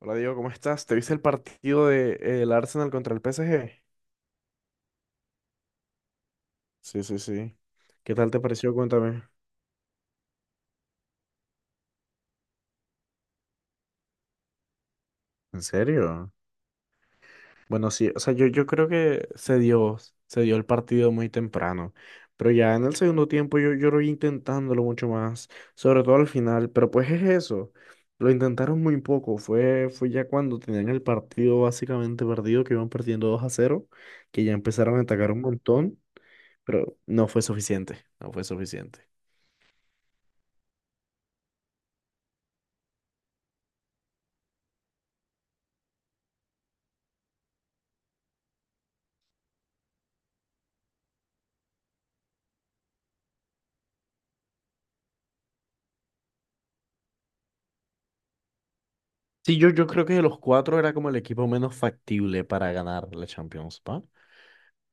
Hola Diego, ¿cómo estás? ¿Te viste el partido de, el Arsenal contra el PSG? Sí, sí, sí. ¿Qué tal te pareció? Cuéntame. ¿En serio? Bueno, sí, o sea, yo creo que se dio el partido muy temprano, pero ya en el segundo tiempo yo lo vi intentándolo mucho más, sobre todo al final, pero pues es eso, lo intentaron muy poco, fue ya cuando tenían el partido básicamente perdido, que iban perdiendo 2-0, que ya empezaron a atacar un montón, pero no fue suficiente, no fue suficiente. Sí, yo creo que de los cuatro era como el equipo menos factible para ganar la Champions, ¿va?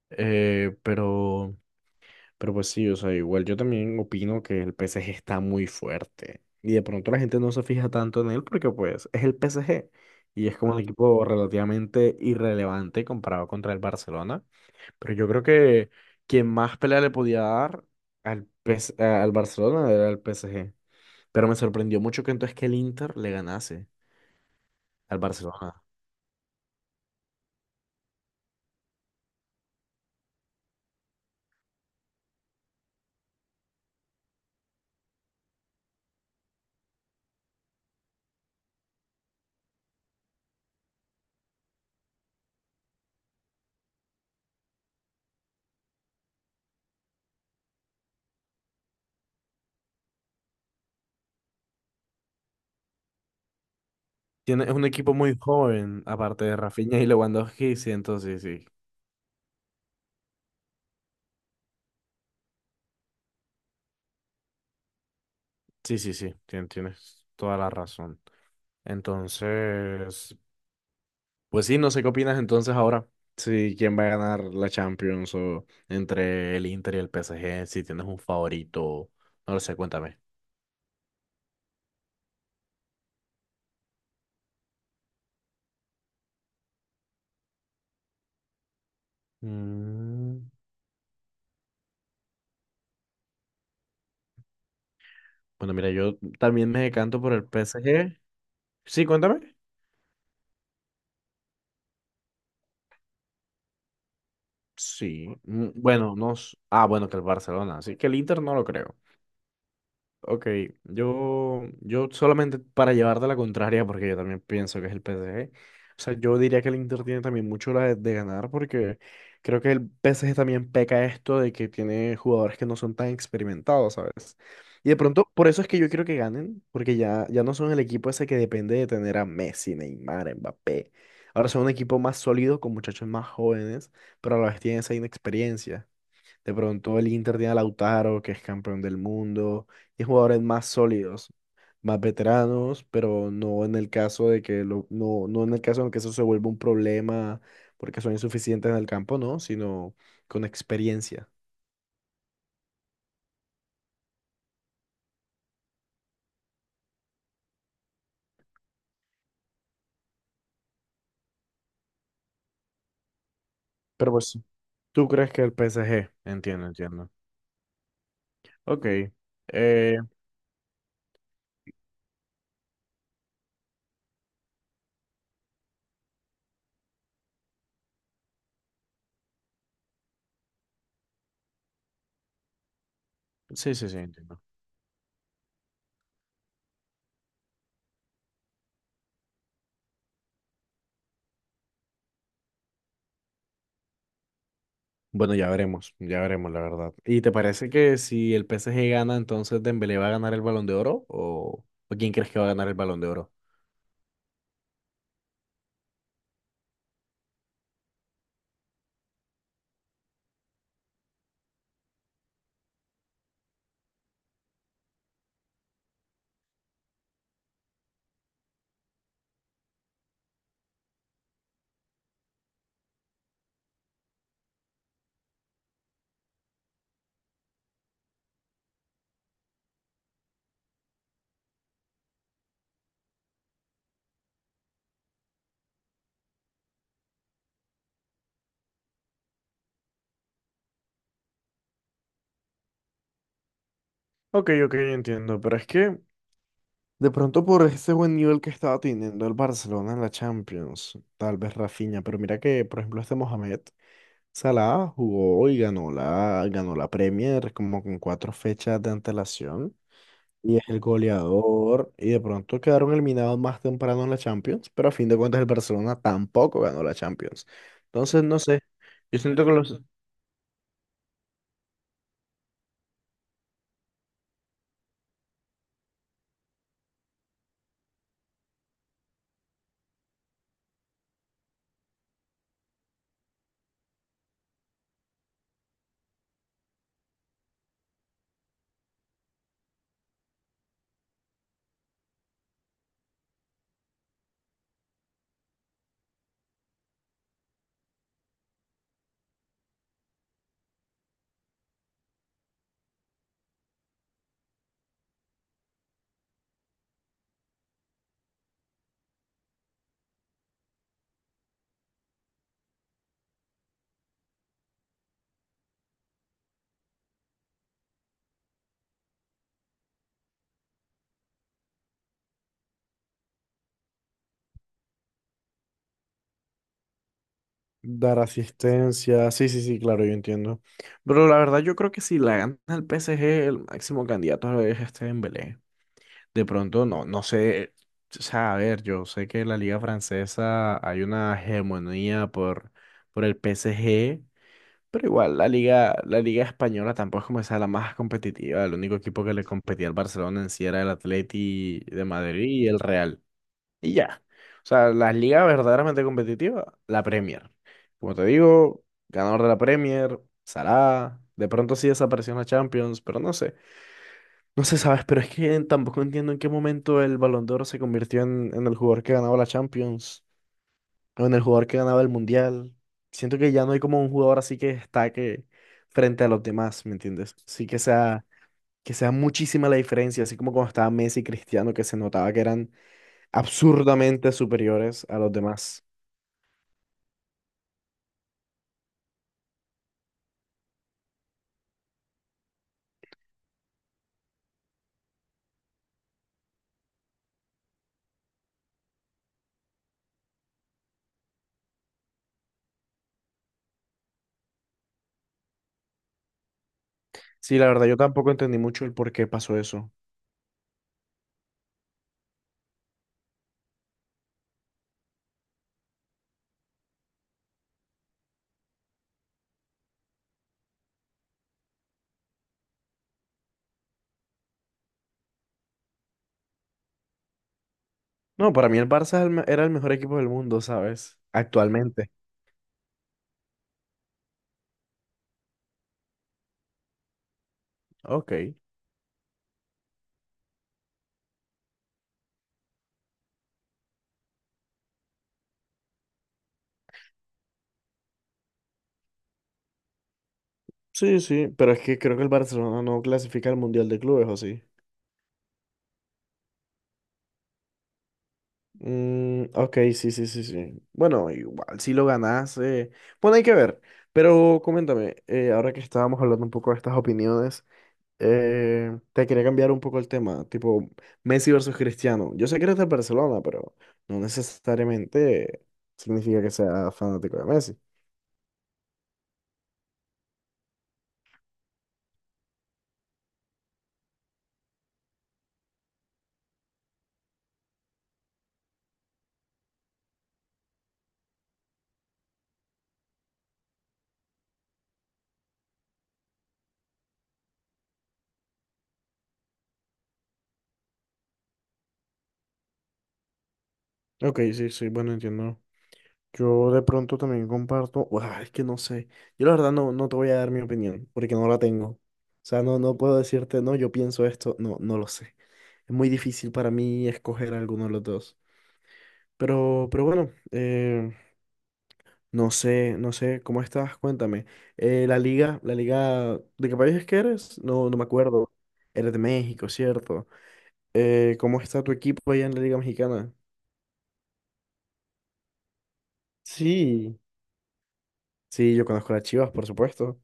Eh, pero, pero pues sí, o sea, igual yo también opino que el PSG está muy fuerte. Y de pronto la gente no se fija tanto en él porque pues es el PSG. Y es como un equipo relativamente irrelevante comparado contra el Barcelona. Pero yo creo que quien más pelea le podía dar al Barcelona era el PSG. Pero me sorprendió mucho que entonces que el Inter le ganase al Barcelona. Tiene, es un equipo muy joven, aparte de Rafinha y Lewandowski, sí, entonces sí. Sí, sí, sí, tienes toda la razón. Entonces, pues sí, no sé qué opinas entonces ahora. Si quién va a ganar la Champions o entre el Inter y el PSG, si tienes un favorito, no lo sé, cuéntame. Mm, bueno, mira, yo también me decanto por el PSG. Sí, cuéntame. Sí. Mm, bueno, no. Ah, bueno, que el Barcelona. Así que el Inter no lo creo. Ok, yo solamente para llevarte la contraria, porque yo también pienso que es el PSG. O sea, yo diría que el Inter tiene también mucho la de ganar, porque creo que el PSG también peca esto de que tiene jugadores que no son tan experimentados, ¿sabes? Y de pronto, por eso es que yo quiero que ganen, porque ya no son el equipo ese que depende de tener a Messi, Neymar, Mbappé. Ahora son un equipo más sólido, con muchachos más jóvenes, pero a la vez tienen esa inexperiencia. De pronto el Inter tiene a Lautaro, que es campeón del mundo, y jugadores más sólidos, más veteranos, pero no en el caso de que lo, no, no en el caso de que eso se vuelva un problema porque son insuficientes en el campo, no, sino con experiencia. Pero pues, ¿tú crees que el PSG? Entiendo, entiendo. Ok. eh, sí, sí, sí, entiendo. Bueno, ya veremos, la verdad. ¿Y te parece que si el PSG gana, entonces Dembélé va a ganar el Balón de Oro? ¿O quién crees que va a ganar el Balón de Oro? Ok, ok, entiendo, pero es que de pronto por ese buen nivel que estaba teniendo el Barcelona en la Champions, tal vez Rafinha, pero mira que, por ejemplo, este Mohamed Salah jugó y ganó la Premier como con cuatro fechas de antelación y es el goleador y de pronto quedaron eliminados más temprano en la Champions, pero a fin de cuentas el Barcelona tampoco ganó la Champions. Entonces, no sé, yo siento que los. Dar asistencia, sí, sí, sí, claro, yo entiendo. Pero la verdad yo creo que si la gana el PSG, el máximo candidato es este Dembélé. De pronto, no, no sé, o sea, a ver, yo sé que en la liga francesa hay una hegemonía por el PSG, pero igual la liga española tampoco es como esa la más competitiva. El único equipo que le competía al Barcelona en sí era el Atleti de Madrid y el Real. Y ya. O sea, las ligas verdaderamente competitivas, la Premier. Como te digo, ganador de la Premier, Salah. De pronto sí desapareció en la Champions, pero no sé. No sé, ¿sabes? Pero es que tampoco entiendo en qué momento el Balón de Oro se convirtió en el jugador que ganaba la Champions o en el jugador que ganaba el Mundial. Siento que ya no hay como un jugador así que destaque frente a los demás, ¿me entiendes? Sí que sea muchísima la diferencia, así como cuando estaba Messi y Cristiano, que se notaba que eran absurdamente superiores a los demás. Sí, la verdad, yo tampoco entendí mucho el por qué pasó eso. No, para mí el Barça era el mejor equipo del mundo, ¿sabes? Actualmente. Ok. Sí, sí, pero es que creo que el Barcelona no clasifica al Mundial de Clubes, ¿o sí? Mm, ok, sí, sí, sí, sí. Bueno, igual si lo ganas, bueno, hay que ver. Pero coméntame, ahora que estábamos hablando un poco de estas opiniones. Te quería cambiar un poco el tema, tipo Messi versus Cristiano. Yo sé que eres de Barcelona, pero no necesariamente significa que sea fanático de Messi. Ok, sí, sí, bueno, entiendo. Yo de pronto también comparto, es que no sé. Yo la verdad no te voy a dar mi opinión, porque no la tengo. O sea, no, no puedo decirte, no, yo pienso esto, no, no lo sé. Es muy difícil para mí escoger alguno de los dos. Pero bueno, no sé, no sé, ¿cómo estás? Cuéntame. La liga, ¿de qué país es que eres? No, no me acuerdo. Eres de México, ¿cierto? ¿Cómo está tu equipo allá en la liga mexicana? Sí, sí, yo conozco a las Chivas, por supuesto.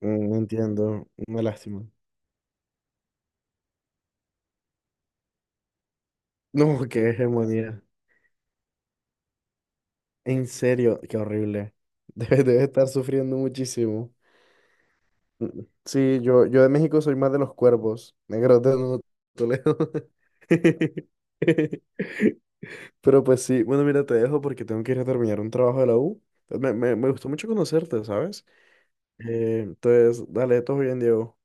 Mm, no entiendo, una lástima. No, qué hegemonía. En serio, qué horrible. Debe estar sufriendo muchísimo. Mm, sí, yo de México soy más de los cuervos. Negro, te no Toledo. Pero pues sí, bueno, mira, te dejo porque tengo que ir a terminar un trabajo de la U. Me gustó mucho conocerte, ¿sabes? Entonces, dale, todo bien, Diego.